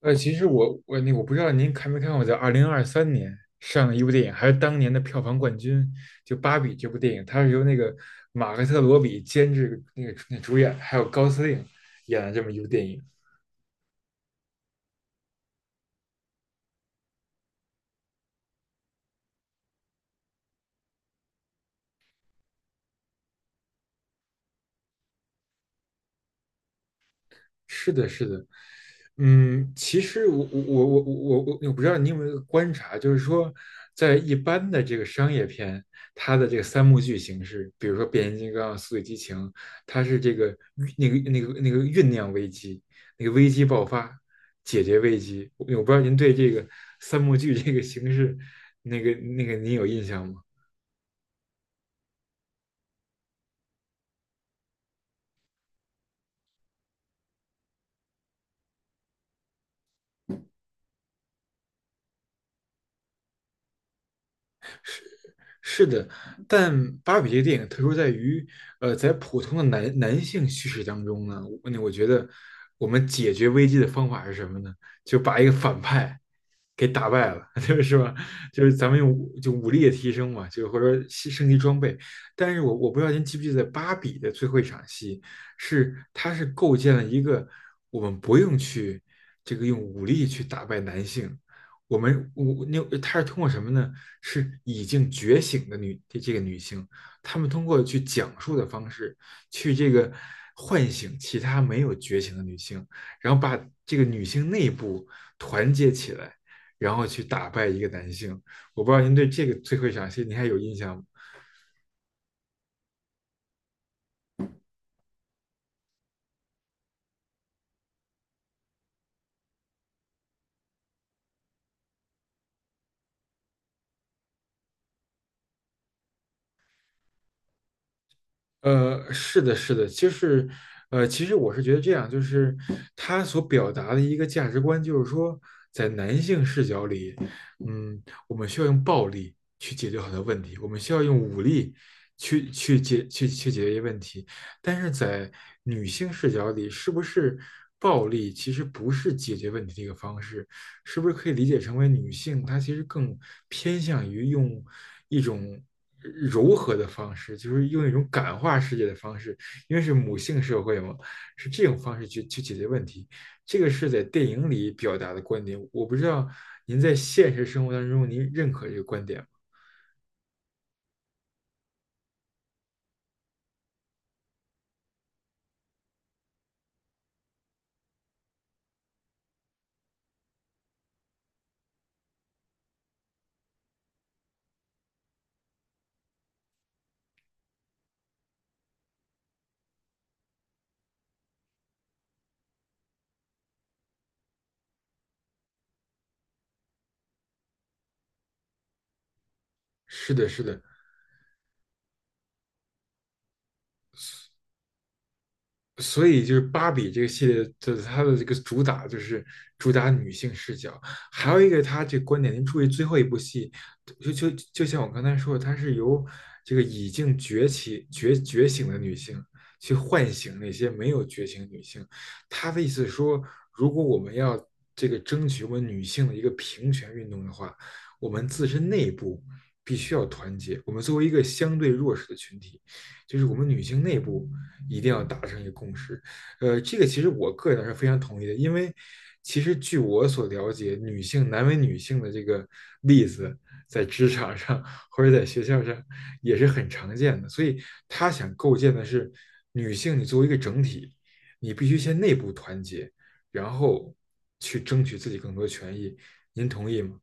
其实我不知道您看没看过，在二零二三年上的一部电影，还是当年的票房冠军，就《芭比》这部电影，它是由那个马克特罗比监制，那主演，还有高司令演的这么一部电影。是的，是的。其实我不知道你有没有观察，就是说，在一般的这个商业片，它的这个三幕剧形式，比如说《变形金刚》《速度与激情》，它是这个那个酝酿危机，那个危机爆发，解决危机。我不知道您对这个三幕剧这个形式，您有印象吗？是的。但芭比这个电影特殊在于，在普通的男性叙事当中呢，我觉得我们解决危机的方法是什么呢？就把一个反派给打败了，就是吧？就是咱们用武力的提升嘛，就或者说升级装备。但是我不知道您记不记得芭比的最后一场戏，是它是构建了一个我们不用去这个用武力去打败男性，我们我那她是通过什么呢？是已经觉醒的女这这个女性，她们通过去讲述的方式，去这个唤醒其他没有觉醒的女性，然后把这个女性内部团结起来，然后去打败一个男性。我不知道您对这个最后一场戏您还有印象吗？是的，是的，就是，其实我是觉得这样，就是他所表达的一个价值观，就是说，在男性视角里，嗯，我们需要用暴力去解决很多问题，我们需要用武力去去解去去解决一些问题，但是在女性视角里，是不是暴力其实不是解决问题的一个方式？是不是可以理解成为女性她其实更偏向于用一种柔和的方式，就是用一种感化世界的方式，因为是母性社会嘛，是这种方式去解决问题。这个是在电影里表达的观点，我不知道您在现实生活当中您认可这个观点吗？是的，是的。所以就是芭比这个系列的它的这个主打女性视角，还有一个它这个观点，您注意最后一部戏，就就就像我刚才说的，它是由这个已经崛起觉醒的女性去唤醒那些没有觉醒女性。他的意思是说，如果我们要这个争取我们女性的一个平权运动的话，我们自身内部必须要团结。我们作为一个相对弱势的群体，就是我们女性内部。一定要达成一个共识。这个其实我个人是非常同意的，因为其实据我所了解，女性难为女性的这个例子，在职场上或者在学校上也是很常见的。所以他想构建的是，女性你作为一个整体，你必须先内部团结，然后去争取自己更多权益。您同意吗？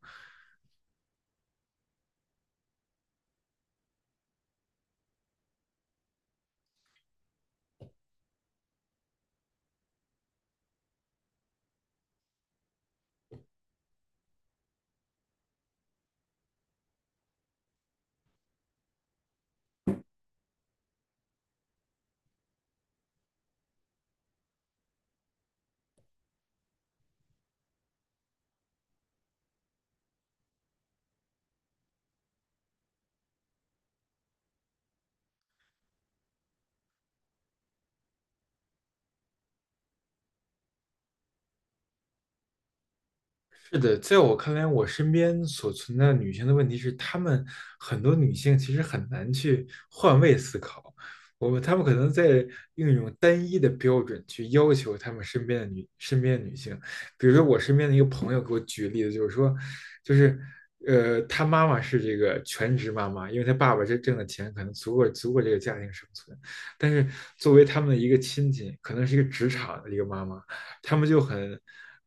是的，在我看来，我身边所存在的女性的问题是，很多女性其实很难去换位思考，她们可能在用一种单一的标准去要求她们身边的女性。比如说，我身边的一个朋友给我举例子，就是说，就是她妈妈是这个全职妈妈，因为她爸爸这挣的钱可能足够这个家庭生存，但是作为他们的一个亲戚，可能是一个职场的一个妈妈，他们就很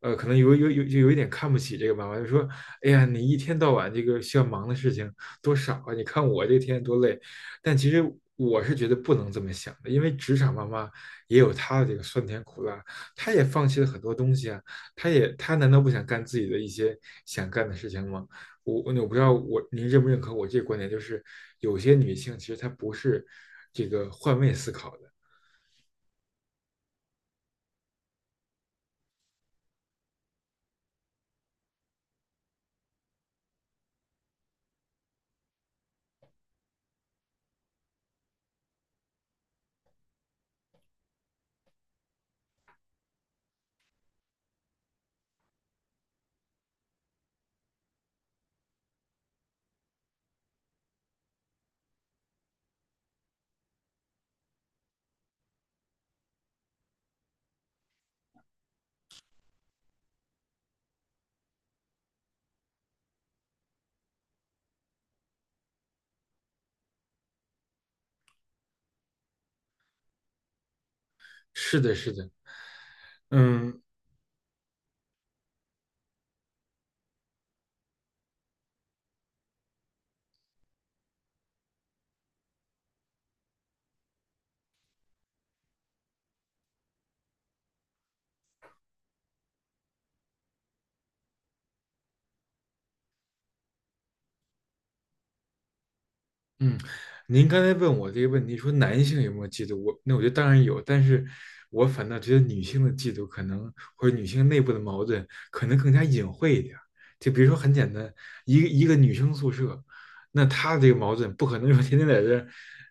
可能有一点看不起这个妈妈，就说：“哎呀，你一天到晚这个需要忙的事情多少啊？你看我这天多累。”但其实我是觉得不能这么想的，因为职场妈妈也有她的这个酸甜苦辣，她也放弃了很多东西啊。她难道不想干自己的一些想干的事情吗？我不知道您认不认可我这个观点，就是有些女性其实她不是这个换位思考的。是的，是的。嗯，嗯，您刚才问我这个问题，说男性有没有嫉妒？我觉得当然有，但是我反倒觉得女性的嫉妒可能或者女性内部的矛盾可能更加隐晦一点儿。就比如说很简单，一个女生宿舍，那她这个矛盾不可能说天天在这儿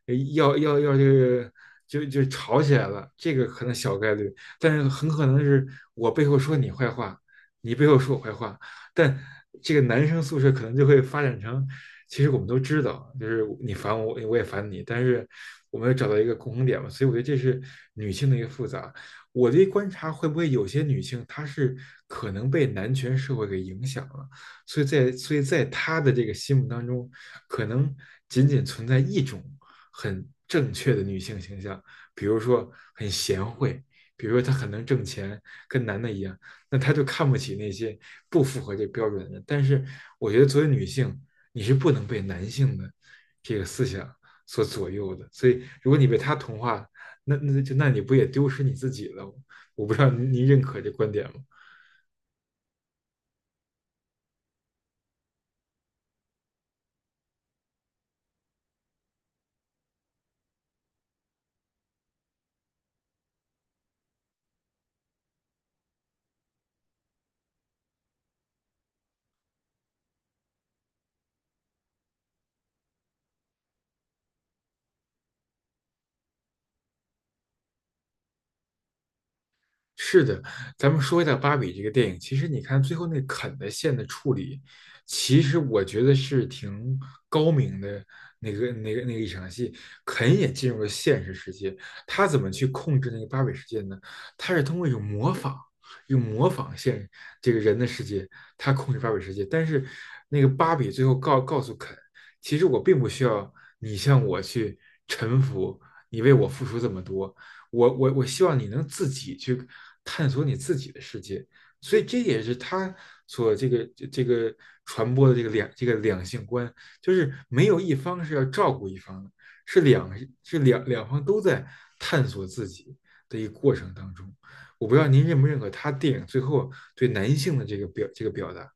呃要要要这个就就吵起来了，这个可能小概率，但是很可能是我背后说你坏话，你背后说我坏话，但这个男生宿舍可能就会发展成，其实我们都知道，就是你烦我，我也烦你，但是我们要找到一个共同点嘛，所以我觉得这是女性的一个复杂。我的观察会不会有些女性她是可能被男权社会给影响了，所以在她的这个心目当中，可能仅仅存在一种很正确的女性形象，比如说很贤惠，比如说她很能挣钱，跟男的一样。那他就看不起那些不符合这标准的人。但是我觉得作为女性，你是不能被男性的这个思想所左右的。所以如果你被他同化，那你不也丢失你自己了。我不知道您认可这观点吗？是的。咱们说一下《芭比》这个电影。其实你看最后那肯的线的处理，其实我觉得是挺高明的。那个一场戏，肯也进入了现实世界，他怎么去控制那个芭比世界呢？他是通过一种模仿，用模仿这个人的世界，他控制芭比世界。但是那个芭比最后告诉肯，其实我并不需要你向我去臣服，你为我付出这么多。我希望你能自己去探索你自己的世界。所以这也是他所这个传播的这个两性观，就是没有一方是要照顾一方的，是两是两方都在探索自己的一个过程当中。我不知道您认不认可他电影最后对男性的这个表达。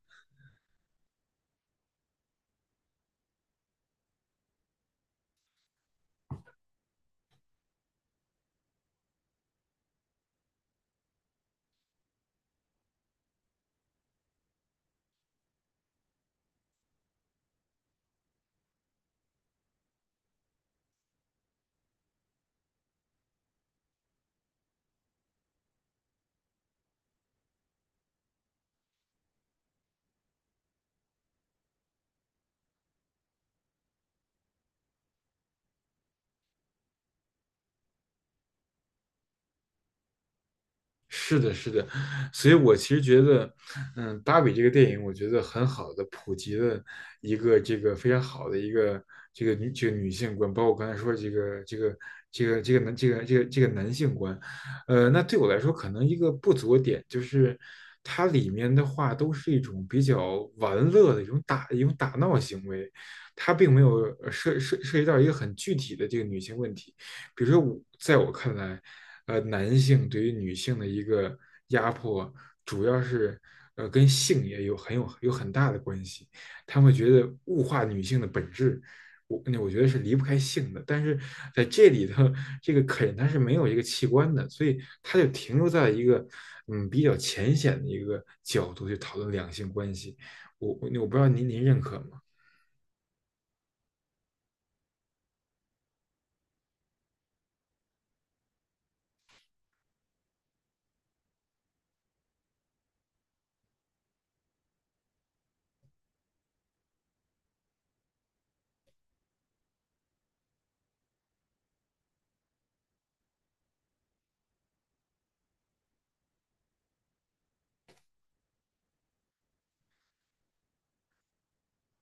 是的，是的。所以我其实觉得，芭比这个电影，我觉得很好的普及了一个这个非常好的一个这个女性观，包括我刚才说这个这个这个这个男这个这个这个男性观，那对我来说可能一个不足的点就是，它里面的话都是一种比较玩乐的一种打闹行为，它并没有涉及到一个很具体的这个女性问题。比如说我，在我看来，男性对于女性的一个压迫，主要是跟性也有很有有很大的关系。他们觉得物化女性的本质，我觉得是离不开性的。但是在这里头，这个肯它是没有一个器官的，所以它就停留在一个比较浅显的一个角度去讨论两性关系。我不知道您认可吗？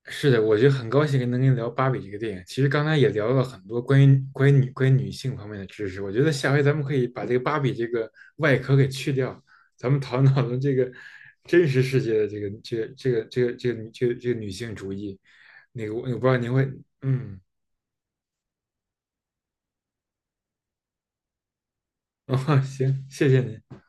是的，我觉得很高兴能跟你聊《芭比》这个电影。其实刚才也聊了很多关于女性方面的知识。我觉得下回咱们可以把这个芭比这个外壳给去掉，咱们讨论讨论这个真实世界的这个这个这个这个这个女这个这个女性主义。我不知道您会，嗯 哦，行，谢谢您。